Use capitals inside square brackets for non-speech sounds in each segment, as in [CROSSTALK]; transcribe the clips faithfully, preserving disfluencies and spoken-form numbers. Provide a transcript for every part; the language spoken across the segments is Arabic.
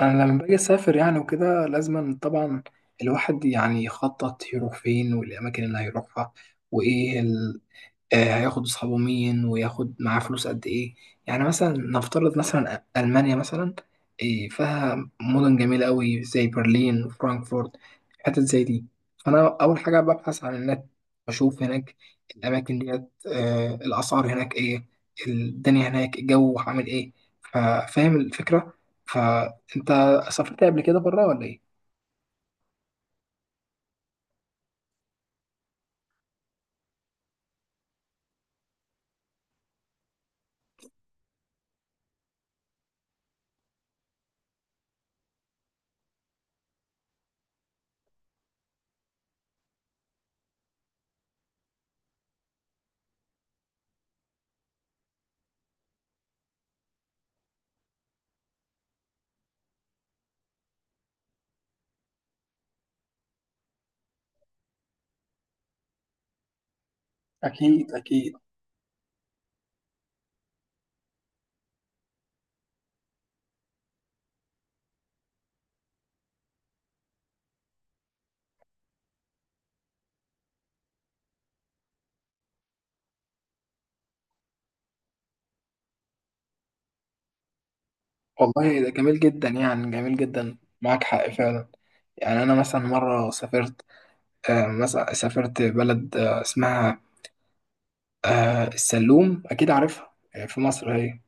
انا لما باجي اسافر يعني وكده لازم طبعا الواحد يعني يخطط يروح فين والاماكن اللي هيروحها وايه ال- آه، هياخد أصحابه مين وياخد معاه فلوس قد إيه؟ يعني مثلا نفترض مثلا أ- ألمانيا مثلا. إيه، فيها مدن جميلة أوي زي برلين وفرانكفورت، حتت زي دي. فأنا أول حاجة ببحث عن النت، أشوف هناك الأماكن ديت، آه، الأسعار هناك إيه، الدنيا هناك الجو عامل إيه. فاهم الفكرة؟ فأنت سافرت قبل كده بره ولا إيه؟ أكيد أكيد. والله ده جميل جدا يعني، جميل جدا، معاك حق فعلا. يعني أنا مثلا مرة سافرت، آه، مثلا سافرت بلد آه، اسمها آه، السلوم، أكيد عارفها، آه، في مصر هي.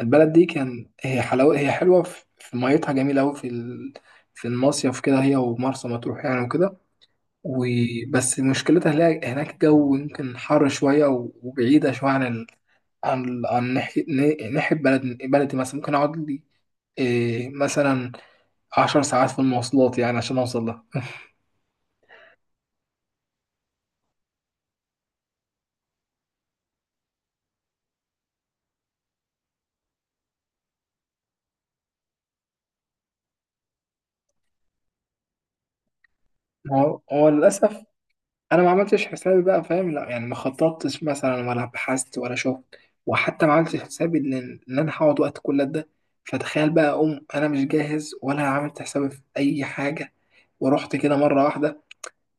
البلد دي كان هي حلاوة، هي حلوة في في ميتها جميلة أوي، في ال- في المصيف كده هي ومرسى مطروح يعني وكده. وبس مشكلتها هناك هناك الجو يمكن حر شوية و- وبعيدة شوية عن ال... عن ال... عن ناحية ن- ناحية بلد بلدي مثلا. ممكن أقعد لي إيه مثلا عشر ساعات في المواصلات يعني عشان أوصل لها. هو هو للأسف انا ما عملتش حسابي بقى فاهم، لا يعني ما خططتش مثلا ولا بحثت ولا شفت، وحتى ما عملتش حسابي ان إن انا هقعد وقت كل ده. فتخيل بقى اقوم انا مش جاهز ولا عملت حسابي في اي حاجه، ورحت كده مره واحده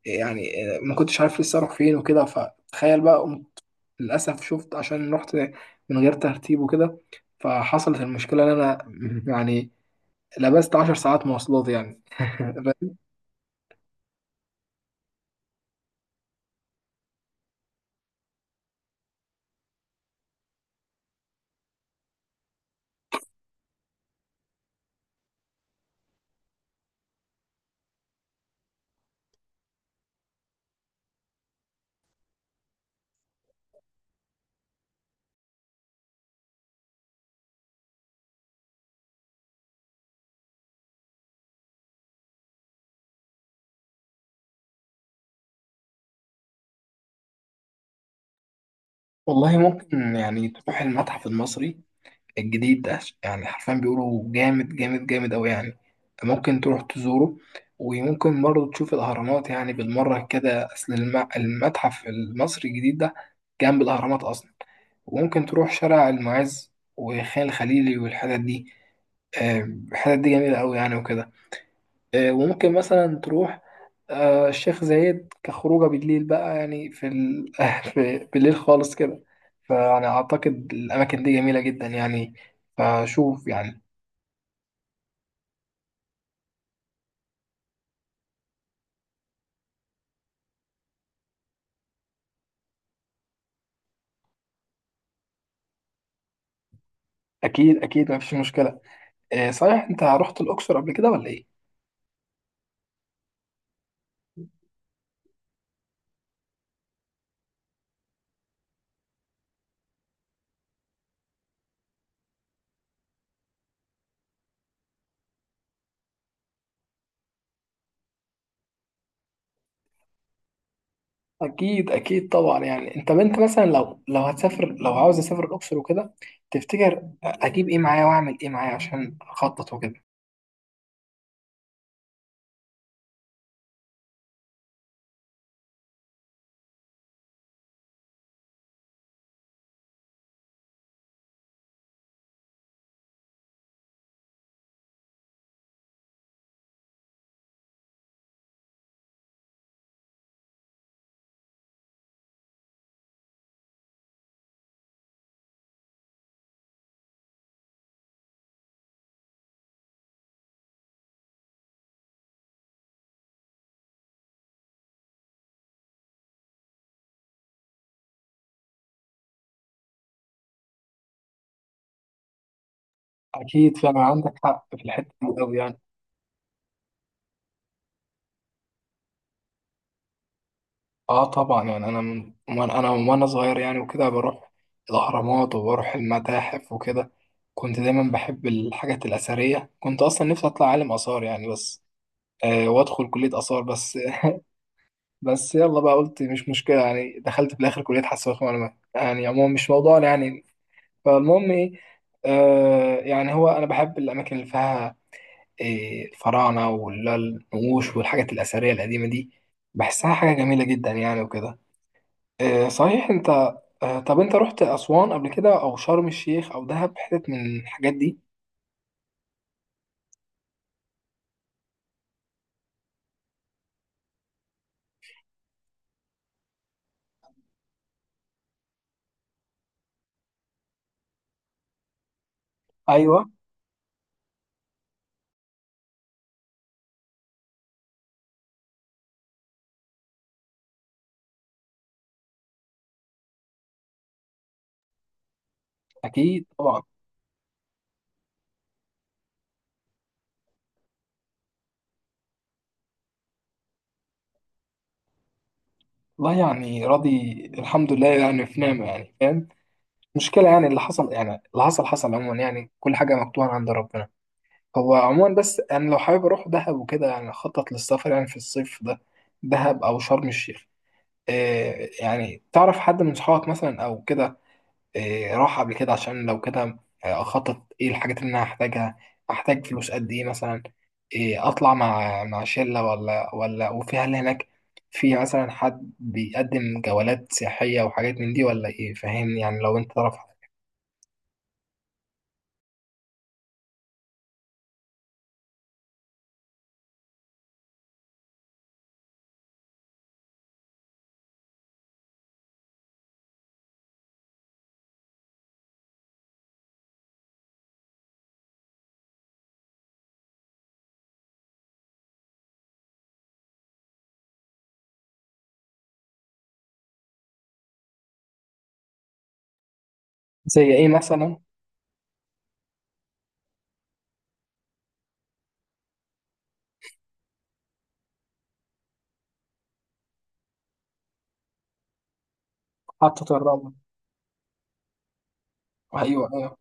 يعني. آه، ما كنتش عارف لسه اروح فين وكده، فتخيل بقى قمت للاسف شفت عشان رحت من غير ترتيب وكده، فحصلت المشكله ان انا [LAUGHS] يعني لبست عشر ساعات مواصلات يعني [LAUGHS] والله ممكن يعني تروح المتحف المصري الجديد ده، يعني حرفيا بيقولوا جامد جامد جامد أوي يعني. ممكن تروح تزوره، وممكن برضه تشوف الأهرامات يعني بالمرة كده، أصل الم- المتحف المصري الجديد ده جنب الأهرامات أصلا. وممكن تروح شارع المعز وخان الخليلي والحتت دي، آه، الحتت دي جميلة أوي يعني وكده. آه، وممكن مثلا تروح آه، الشيخ زايد كخروجه بالليل بقى يعني، في, ال... [LAUGHS] في بالليل خالص كده. فأنا أعتقد الأماكن دي جميلة جدا يعني، فشوف يعني. أكيد أكيد، مفيش مشكلة. آه، صحيح أنت رحت الأقصر قبل كده ولا إيه؟ أكيد أكيد طبعا. يعني أنت بنت مثلا، لو لو هتسافر، لو عاوز أسافر الأقصر وكده، تفتكر أجيب إيه معايا وأعمل إيه معايا عشان أخطط وكده؟ أكيد، فعلا عندك حق في الحتة دي أوي يعني. اه طبعا يعني، انا من وانا انا من وانا صغير يعني وكده بروح الاهرامات وبروح المتاحف وكده. كنت دايما بحب الحاجات الاثريه، كنت اصلا نفسي اطلع عالم اثار يعني، بس آه وادخل كليه اثار بس [LAUGHS] بس يلا بقى، قلت مش مشكله يعني، دخلت في الاخر كليه حاسبات ومعلومات، يعني عموما مش موضوعنا يعني. فالمهم ايه، آه يعني هو انا بحب الاماكن اللي فيها إيه، الفراعنه والنقوش والحاجات الاثريه القديمه دي، بحسها حاجه جميله جدا يعني وكده. آه، صحيح انت، آه، طب انت رحت اسوان قبل كده او شرم الشيخ او دهب، حتت من الحاجات دي؟ ايوه اكيد طبعا. والله يعني راضي، الحمد لله يعني، في نعمه يعني فاهم، مشكله يعني اللي حصل يعني، اللي حصل حصل عموما يعني، كل حاجه مكتوبه عند ربنا. هو عموما بس انا لو حابب اروح دهب وكده يعني، اخطط للسفر يعني في الصيف ده، دهب او شرم الشيخ. آه، يعني تعرف حد من صحابك مثلا او كده إيه، راح قبل كده؟ عشان لو كده آه، اخطط ايه الحاجات اللي انا هحتاجها، احتاج فلوس قد ايه مثلا، إيه اطلع مع مع شله، ولا ولا وفي هل هناك في مثلا حد بيقدم جولات سياحيه وحاجات من دي ولا ايه فاهمني يعني؟ لو انت تعرف حاجة. زي ايه مثلا؟ حطة الرمل. ايوه ايوه،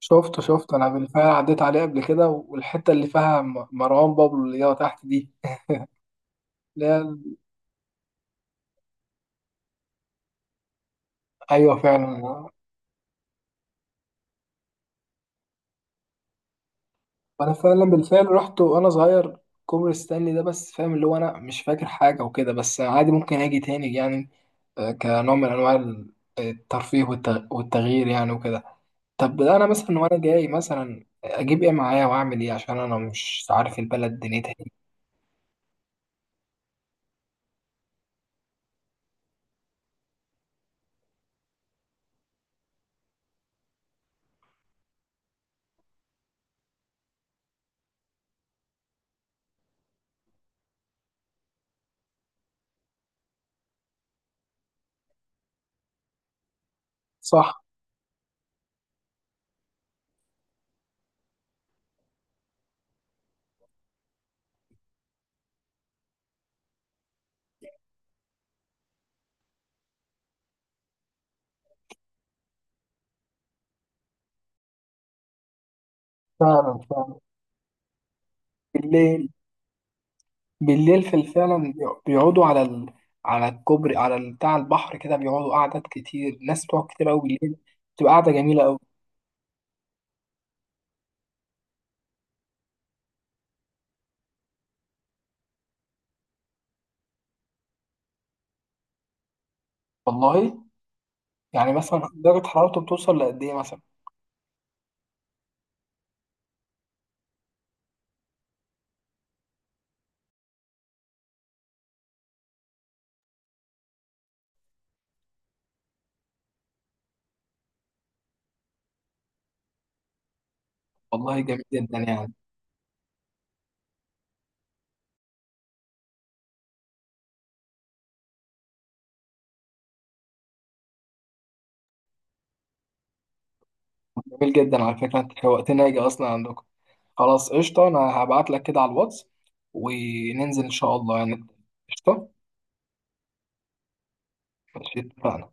شفته شفته انا بالفعل عديت عليه قبل كده، والحتة اللي فيها م- مروان بابلو اللي هي تحت دي، اللي هي ايوه فعلا. وانا فعلا بالفعل رحت وانا صغير كوبري ستانلي ده، بس فاهم اللي هو انا مش فاكر حاجه وكده، بس عادي ممكن اجي تاني يعني آه، كنوع من انواع ال- الترفيه والت- والتغيير يعني وكده. طب انا مثلا وانا جاي مثلا اجيب ايه معايا واعمل ايه عشان انا مش عارف البلد دنيتها ايه؟ صح. فعلا فعلا، بالليل، بالليل في فعلا بيقعدوا على ال... على الكوبري، على ال- بتاع البحر كده، بيقعدوا قعدات كتير، ناس بتقعد كتير قوي بالليل، بتبقى قعده جميله قوي. والله، يعني مثلا درجة حرارته بتوصل لقد إيه مثلا؟ والله جميل جدا يعني، جميل جدا. على فكرة أنت شوقتني أجي أصلا عندكم. خلاص، قشطة، أنا هبعت لك كده على الواتس وننزل إن شاء الله يعني. قشطة. ماشي، اتفقنا.